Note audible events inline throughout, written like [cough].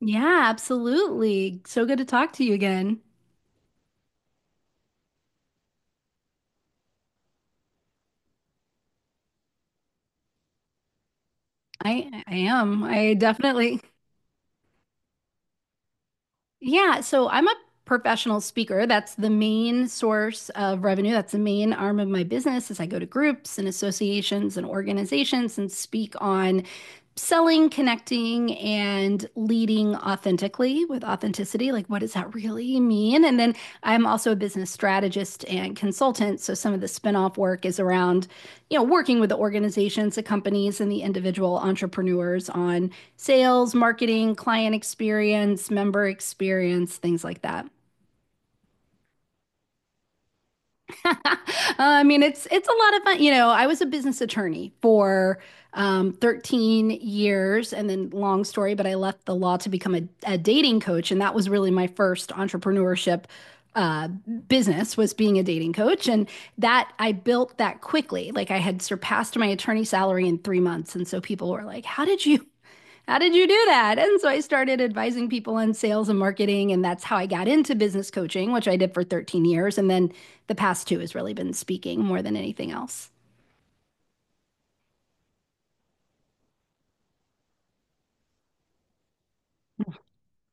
Yeah, absolutely. So good to talk to you again. I am. I definitely... Yeah, so I'm a professional speaker. That's the main source of revenue. That's the main arm of my business is I go to groups and associations and organizations and speak on selling, connecting, and leading authentically with authenticity. Like, what does that really mean? And then I'm also a business strategist and consultant. So some of the spinoff work is around, working with the organizations, the companies, and the individual entrepreneurs on sales, marketing, client experience, member experience, things like that. [laughs] I mean, it's a lot of fun. You know, I was a business attorney for 13 years, and then long story, but I left the law to become a dating coach, and that was really my first entrepreneurship uh, business was being a dating coach, and that I built that quickly. Like I had surpassed my attorney salary in 3 months, and so people were like, "How did you? How did you do that?" And so I started advising people on sales and marketing. And that's how I got into business coaching, which I did for 13 years. And then the past two has really been speaking more than anything else.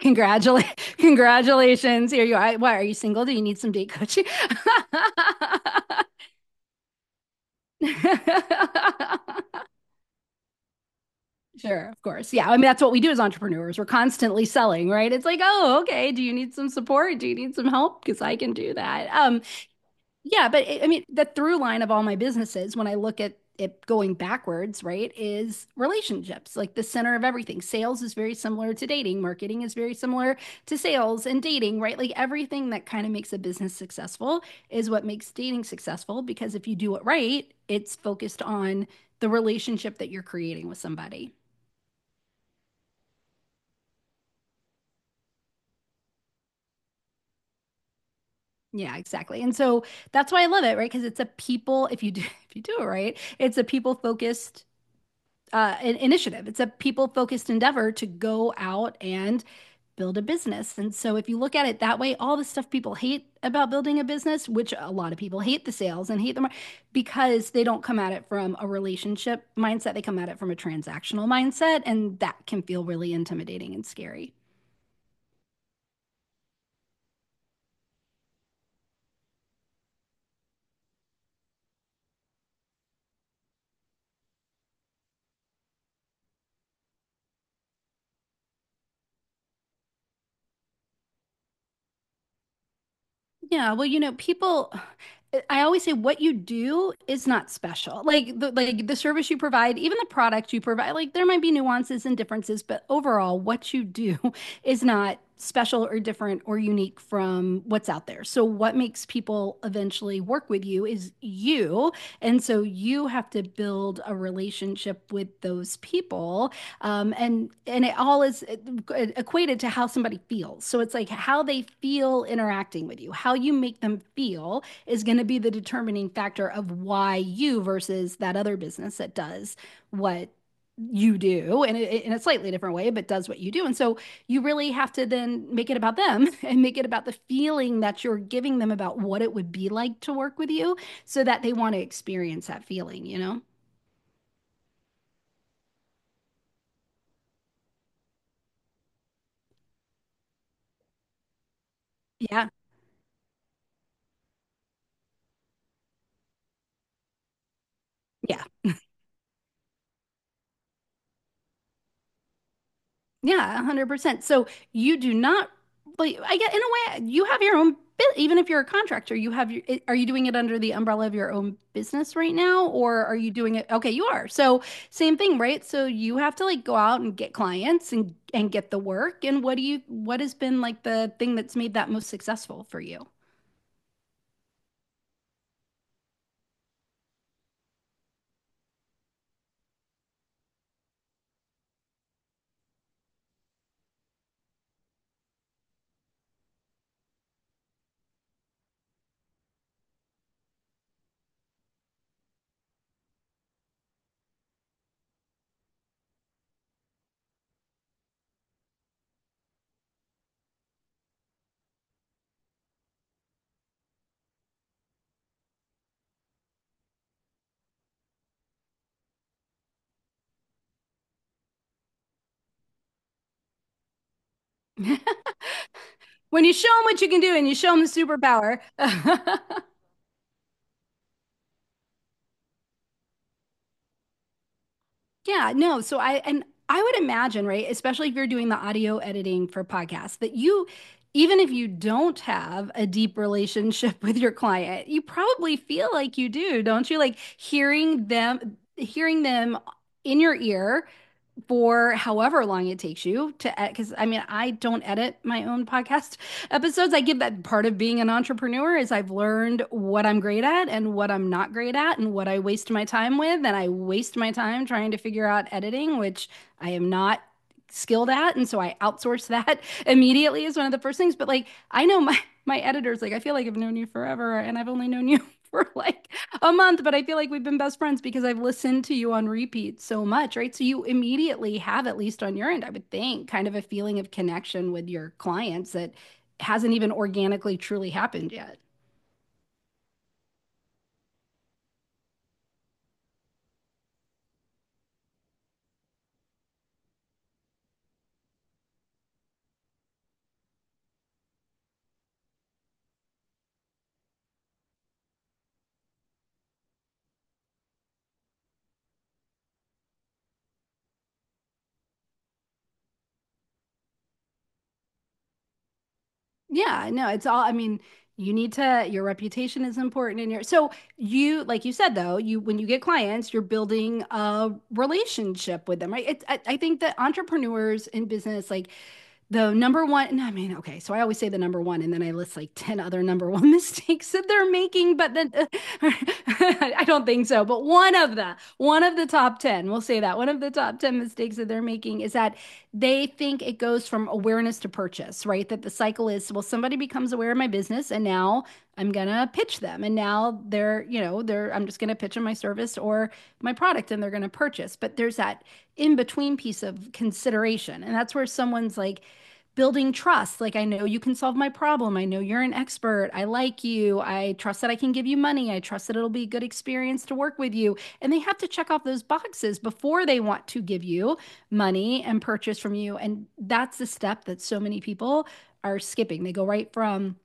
Congratulations. [laughs] Congratulations. Here you are. Why are you single? Do you need some date coaching? [laughs] Sure, of course. Yeah. I mean, that's what we do as entrepreneurs. We're constantly selling, right? It's like, oh, okay. Do you need some support? Do you need some help? Because I can do that. Yeah, but it, I mean, the through line of all my businesses, when I look at it going backwards, right, is relationships, like the center of everything. Sales is very similar to dating, marketing is very similar to sales and dating, right? Like everything that kind of makes a business successful is what makes dating successful because if you do it right, it's focused on the relationship that you're creating with somebody. Yeah, exactly. And so that's why I love it, right? Because it's a people, if you do, [laughs] if you do it right, it's a people focused an initiative. It's a people focused endeavor to go out and build a business. And so, if you look at it that way, all the stuff people hate about building a business, which a lot of people hate the sales and hate them because they don't come at it from a relationship mindset, they come at it from a transactional mindset. And that can feel really intimidating and scary. Yeah, well, you know, people, I always say what you do is not special. Like the service you provide, even the product you provide, like there might be nuances and differences, but overall, what you do [laughs] is not special or different or unique from what's out there. So what makes people eventually work with you is you. And so you have to build a relationship with those people and it all is equated to how somebody feels. So it's like how they feel interacting with you, how you make them feel is going to be the determining factor of why you versus that other business that does what you do and it, in a slightly different way but does what you do. And so you really have to then make it about them [laughs] and make it about the feeling that you're giving them about what it would be like to work with you so that they want to experience that feeling, you know? Yeah, yeah. Yeah, 100%. So you do not, like, I get in a way, you have your own, bu- even if you're a contractor, you have your, I- are you doing it under the umbrella of your own business right now? Or are you doing it? Okay, you are. So same thing, right? So you have to like go out and get clients and get the work. And what do you, what has been like the thing that's made that most successful for you? [laughs] When you show them what you can do and you show them the superpower. [laughs] Yeah, no. So I and I would imagine, right, especially if you're doing the audio editing for podcasts, that you even if you don't have a deep relationship [laughs] with your client, you probably feel like you do, don't you? Like hearing them in your ear for however long it takes you to edit. Because I mean, I don't edit my own podcast episodes. I give that part of being an entrepreneur is I've learned what I'm great at and what I'm not great at and what I waste my time with. And I waste my time trying to figure out editing, which I am not skilled at. And so I outsource [laughs] that immediately is one of the first things. But like, I know my, my editor's like, I feel like I've known you forever and I've only known you [laughs] for like a month, but I feel like we've been best friends because I've listened to you on repeat so much, right? So you immediately have, at least on your end, I would think, kind of a feeling of connection with your clients that hasn't even organically truly happened yet. Yeah, no, it's all, I mean, you need to, your reputation is important in your, so you, like you said, though, you, when you get clients, you're building a relationship with them, right? It's, I think that entrepreneurs in business, like the number one, and I mean, okay, so I always say the number one, and then I list like 10 other number one [laughs] mistakes that they're making, but then [laughs] I don't think so. But one of the top 10, we'll say that one of the top 10 mistakes that they're making is that they think it goes from awareness to purchase, right? That the cycle is, well, somebody becomes aware of my business and now I'm going to pitch them. And now they're, you know, they're, I'm just going to pitch them my service or my product and they're going to purchase. But there's that in between piece of consideration. And that's where someone's like, building trust. Like, I know you can solve my problem, I know you're an expert, I like you, I trust that I can give you money, I trust that it'll be a good experience to work with you, and they have to check off those boxes before they want to give you money and purchase from you. And that's the step that so many people are skipping. They go right from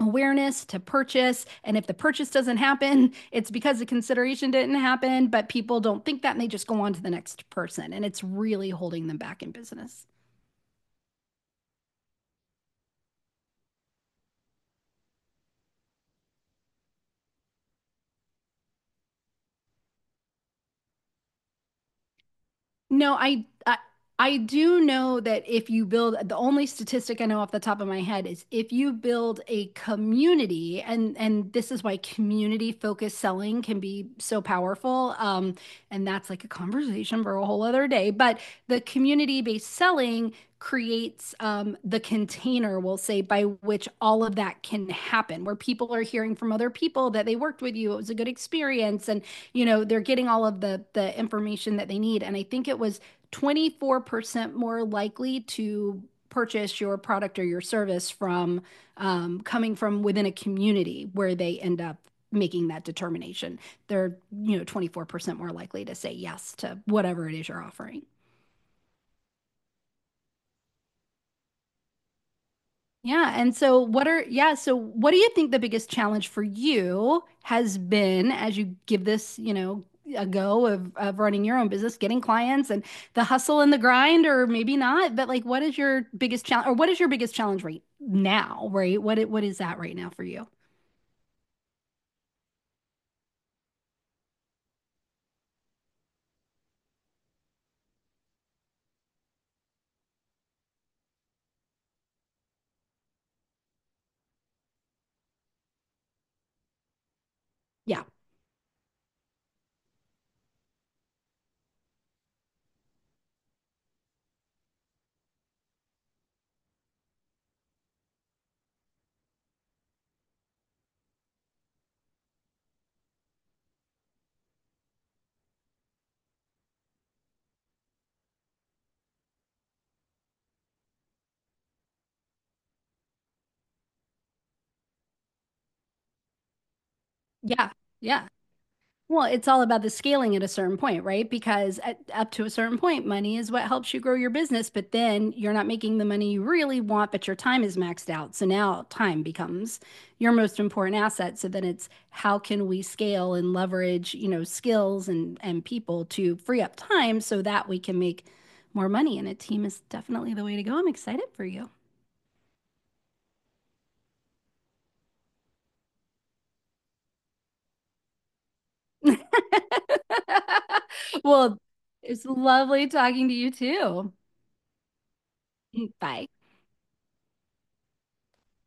awareness to purchase. And if the purchase doesn't happen, [laughs] it's because the consideration didn't happen, but people don't think that and they just go on to the next person. And it's really holding them back in business. No, I I do know that if you build the only statistic I know off the top of my head is if you build a community and this is why community focused selling can be so powerful and that's like a conversation for a whole other day, but the community based selling creates the container we'll say by which all of that can happen where people are hearing from other people that they worked with you, it was a good experience, and you know, they're getting all of the information that they need. And I think it was 24% more likely to purchase your product or your service from coming from within a community where they end up making that determination. They're, you know, 24% more likely to say yes to whatever it is you're offering. Yeah. And so what are, yeah, so what do you think the biggest challenge for you has been as you give this, you know, a go of running your own business, getting clients and the hustle and the grind, or maybe not, but like what is your biggest challenge or what is your biggest challenge right now, right? What it what is that right now for you? Yeah. Yeah. Yeah. Well, it's all about the scaling at a certain point, right? Because at, up to a certain point, money is what helps you grow your business, but then you're not making the money you really want, but your time is maxed out. So now time becomes your most important asset. So then it's how can we scale and leverage, you know, skills and people to free up time so that we can make more money. And a team is definitely the way to go. I'm excited for you. [laughs] Well, it's lovely talking to you too. Bye.